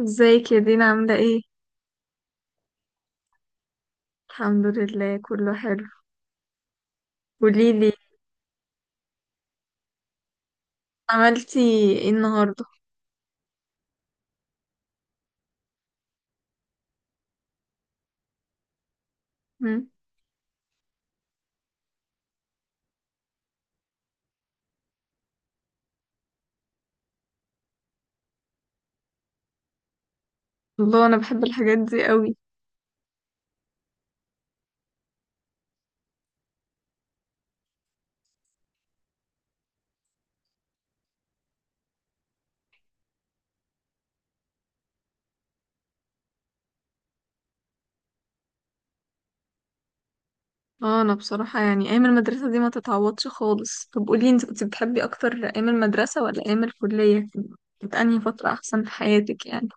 ازيك يا دينا، عاملة ايه؟ الحمد لله، كله حلو. قوليلي، عملتي ايه النهاردة؟ مم. الله، انا بحب الحاجات دي قوي. اه، انا بصراحة يعني ايام المدرسة دي ما تتعوضش خالص. طب قولي، انت كنت بتحبي اكتر ايام المدرسة ولا ايام الكلية؟ كانت انهي فترة احسن في حياتك يعني؟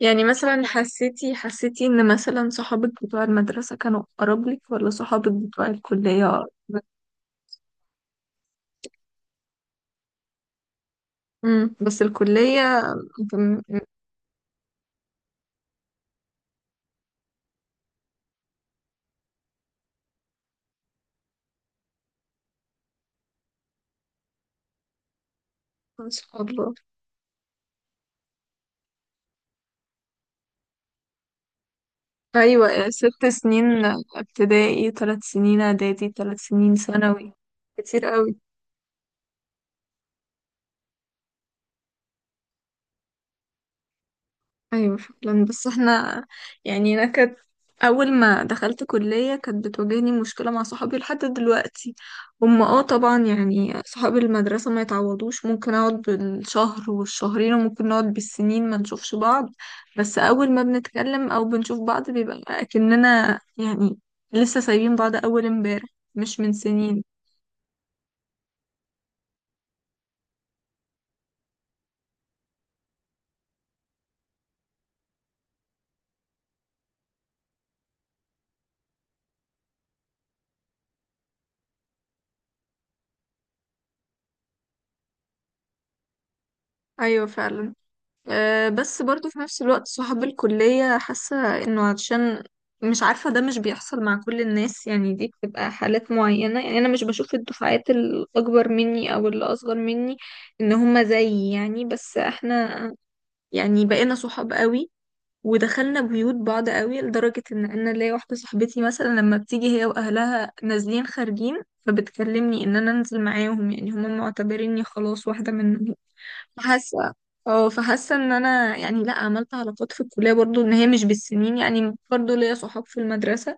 يعني مثلا حسيتي ان مثلا صحابك بتوع المدرسة كانوا اقرب لك ولا صحابك بتوع الكلية؟ بس الكلية كان- ما شاء الله. أيوة، ست سنين ابتدائي، ثلاث سنين إعدادي، ثلاث سنين ثانوي. كتير قوي. أيوة فعلا. بس احنا يعني، أنا كانت أول ما دخلت كلية كانت بتواجهني مشكلة مع صحابي لحد دلوقتي. هم، طبعا يعني صحاب المدرسة ما يتعوضوش، ممكن أقعد بالشهر والشهرين وممكن نقعد بالسنين ما نشوفش بعض، بس أول ما بنتكلم أو بنشوف بعض بيبقى أكننا يعني لسه سايبين بعض أول امبارح، مش من سنين. أيوة فعلا. أه، بس برضو في نفس الوقت صحاب الكلية، حاسة انه عشان مش عارفة، ده مش بيحصل مع كل الناس يعني، دي بتبقى حالات معينة. يعني انا مش بشوف الدفعات الاكبر مني او اللي اصغر مني ان هما زيي. يعني بس احنا يعني بقينا صحاب قوي ودخلنا بيوت بعض قوي، لدرجة ان انا ليا واحدة صاحبتي مثلا لما بتيجي هي واهلها نازلين خارجين فبتكلمني ان انا انزل معاهم، يعني هما معتبريني خلاص واحدة منهم. فحاسه اه فحاسه ان انا يعني لا، عملت علاقات في الكليه برضو، ان هي مش بالسنين، يعني برضو ليا صحاب في المدرسه.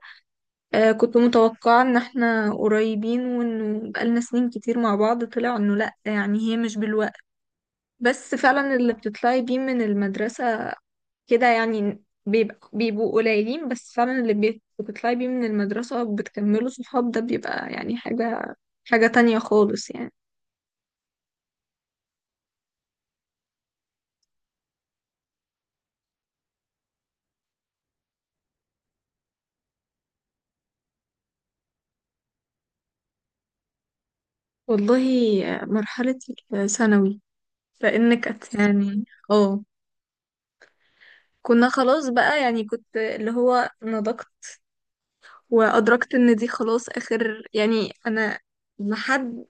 آه كنت متوقعه ان احنا قريبين وانه بقالنا سنين كتير مع بعض، طلع انه لا، يعني هي مش بالوقت. بس فعلا اللي بتطلعي بيه من المدرسه كده يعني بيبقوا قليلين، بس فعلا اللي بتطلعي بيه من المدرسه وبتكملوا صحاب ده بيبقى يعني حاجه تانية خالص يعني. والله، مرحله الثانوي. يعني اه كنا خلاص بقى. يعني كنت اللي هو نضجت وادركت ان دي خلاص اخر. يعني انا لحد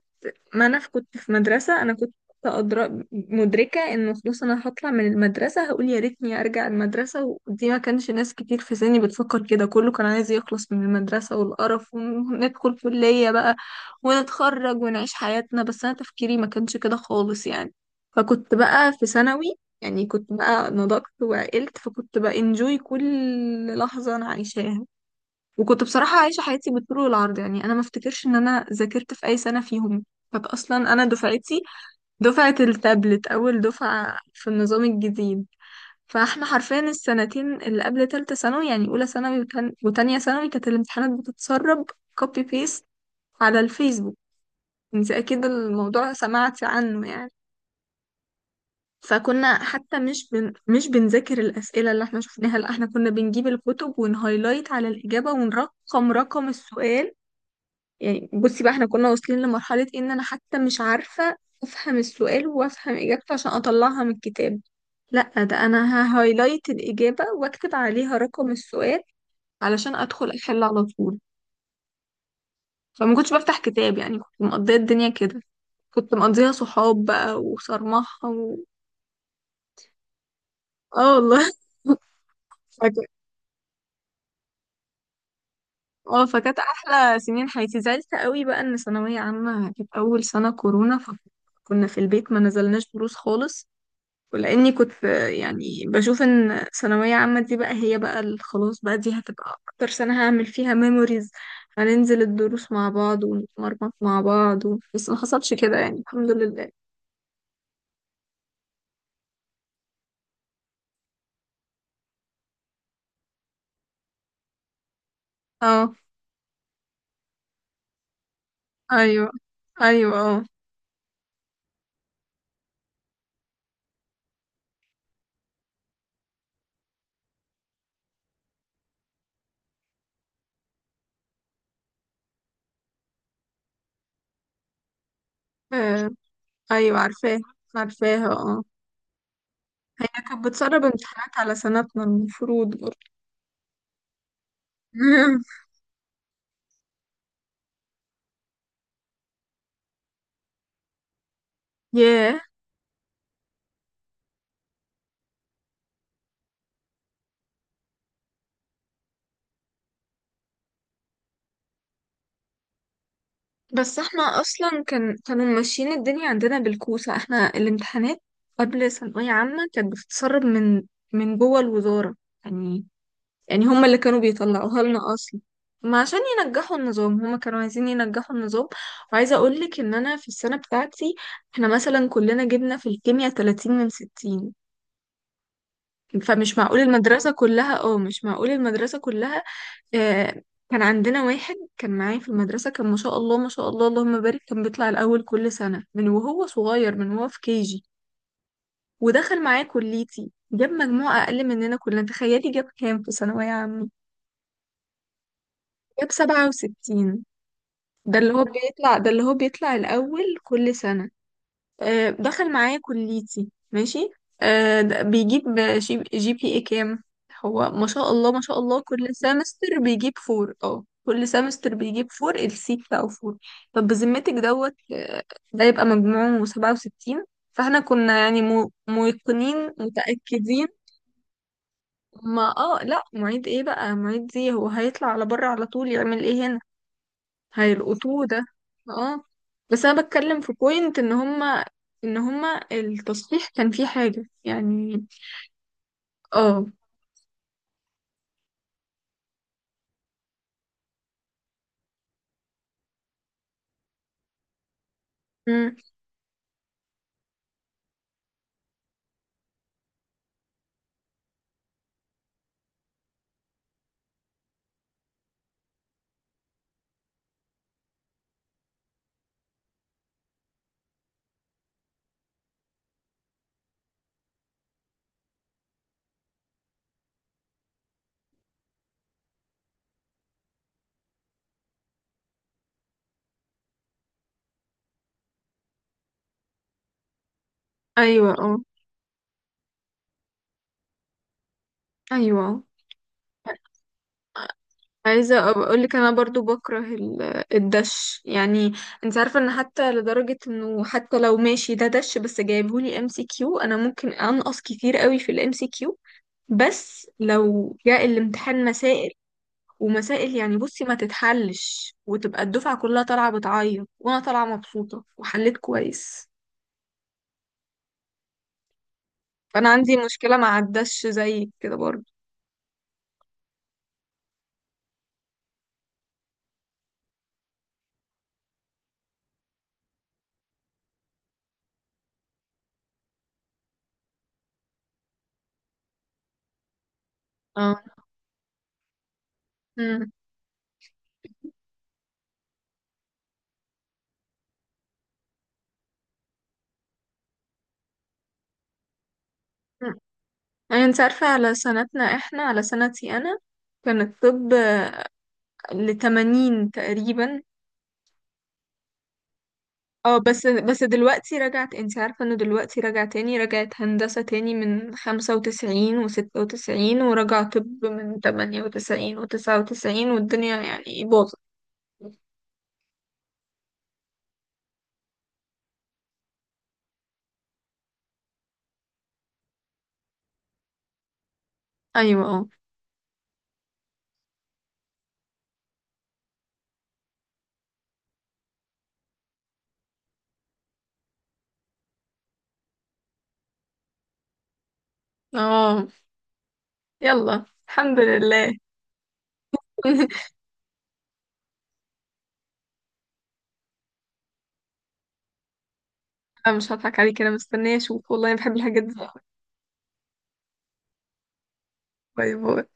ما انا كنت في مدرسة، انا كنت مدركة انه خلاص انا هطلع من المدرسة هقول يا ريتني ارجع المدرسة. ودي ما كانش ناس كتير في سني بتفكر كده، كله كان عايز يخلص من المدرسة والقرف وندخل كلية بقى ونتخرج ونعيش حياتنا. بس انا تفكيري ما كانش كده خالص يعني. فكنت بقى في ثانوي، يعني كنت بقى نضجت وعقلت فكنت بقى انجوي كل لحظة انا عايشاها. وكنت بصراحة عايشة حياتي بالطول والعرض، يعني أنا ما افتكرش إن أنا ذاكرت في أي سنة فيهم. كانت أصلا أنا دفعتي دفعة التابلت، أول دفعة في النظام الجديد. فاحنا حرفيا السنتين اللي قبل تالتة ثانوي، يعني أولى ثانوي وتانية ثانوي، كانت الامتحانات بتتسرب كوبي بيست على الفيسبوك. انت أكيد الموضوع سمعتي عنه يعني. فكنا حتى مش بنذاكر الأسئلة اللي احنا شفناها، لا احنا كنا بنجيب الكتب ونهايلايت على الإجابة ونرقم رقم السؤال. يعني بصي بقى، احنا كنا واصلين لمرحلة إيه؟ ان انا حتى مش عارفة افهم السؤال وافهم اجابته عشان اطلعها من الكتاب. لا ده انا ههايلايت الاجابة واكتب عليها رقم السؤال علشان ادخل احل على طول. فما كنتش بفتح كتاب يعني، كنت مقضية الدنيا كده، كنت مقضيها صحاب بقى وصرمحة و... اه والله. فك... اه فكانت احلى سنين حياتي. زعلت قوي بقى ان ثانوية عامة كانت اول سنة كورونا، فكنا في البيت ما نزلناش دروس خالص. ولاني كنت يعني بشوف ان ثانويه عامه دي بقى هي خلاص بقى دي هتبقى اكتر سنه هعمل فيها ميموريز، هننزل الدروس مع بعض ونتمرمط مع بعض و... بس ما حصلش كده يعني الحمد لله. اه. ايوه. ايوه، اه. آه، ايوه. عارفاها، عارفاها اه. هي كانت بتسرب امتحانات على سنتنا المفروض برضه. ياه. بس احنا اصلا كانوا ماشيين الدنيا عندنا بالكوسة. احنا الامتحانات قبل ثانوية عامة كانت بتتسرب من جوه الوزارة يعني يعني هما اللي كانوا بيطلعوها لنا اصلا. ما عشان ينجحوا النظام، هما كانوا عايزين ينجحوا النظام. وعايزة اقولك ان انا في السنة بتاعتي، احنا مثلا كلنا جبنا في الكيمياء 30 من 60. فمش معقول المدرسة كلها، مش معقول المدرسة كلها. آه، كان عندنا واحد كان معايا في المدرسة، كان ما شاء الله ما شاء الله اللهم بارك، كان بيطلع الأول كل سنة من وهو صغير، من وهو في كيجي. ودخل معايا كليتي، جاب مجموعة أقل مننا كلنا. تخيلي جاب كام في ثانوية عامة؟ جاب 67. ده اللي هو بيطلع الأول كل سنة. آه، دخل معايا كليتي ماشي. بيجيب GPA كام؟ هو ما شاء الله ما شاء الله كل سمستر بيجيب فور. اه كل سمستر بيجيب فور، السي بتاعه فور. طب بذمتك دوت. ده يبقى مجموعه 67؟ فاحنا كنا يعني موقنين متأكدين. ما لا معيد ايه بقى معيد؟ دي هو هيطلع على بره على طول، يعمل ايه هنا؟ هيلقطوه ده. اه، بس انا بتكلم في بوينت ان هما، ان هما التصحيح كان فيه حاجة يعني. اه. مم. ايوه اه. ايوه آه. عايزة أبقى اقول لك انا برضو بكره الدش يعني. انت عارفة ان حتى لدرجة انه حتى لو ماشي ده دش بس جايبهولي MCQ، انا ممكن انقص كتير قوي في الMCQ. بس لو جاء الامتحان مسائل ومسائل، يعني بصي ما تتحلش وتبقى الدفعة كلها طالعة بتعيط وانا طالعة مبسوطة وحليت كويس. فانا عندي مشكلة ما عداش زيك كده برضه. اه. امم يعني انت عارفة على سنتنا، احنا على سنتي انا كان الطب لـ80 تقريبا. اه، بس دلوقتي رجعت، انت عارفة انه دلوقتي رجع تاني، رجعت هندسة تاني من 95 و96 ورجع طب من 98 و99، والدنيا يعني باظت. ايوه، اه، اه. يلا الحمد لله. لا مش هضحك عليك، انا مستنيه اشوف والله، انا بحب الحاجات دي. باي باي.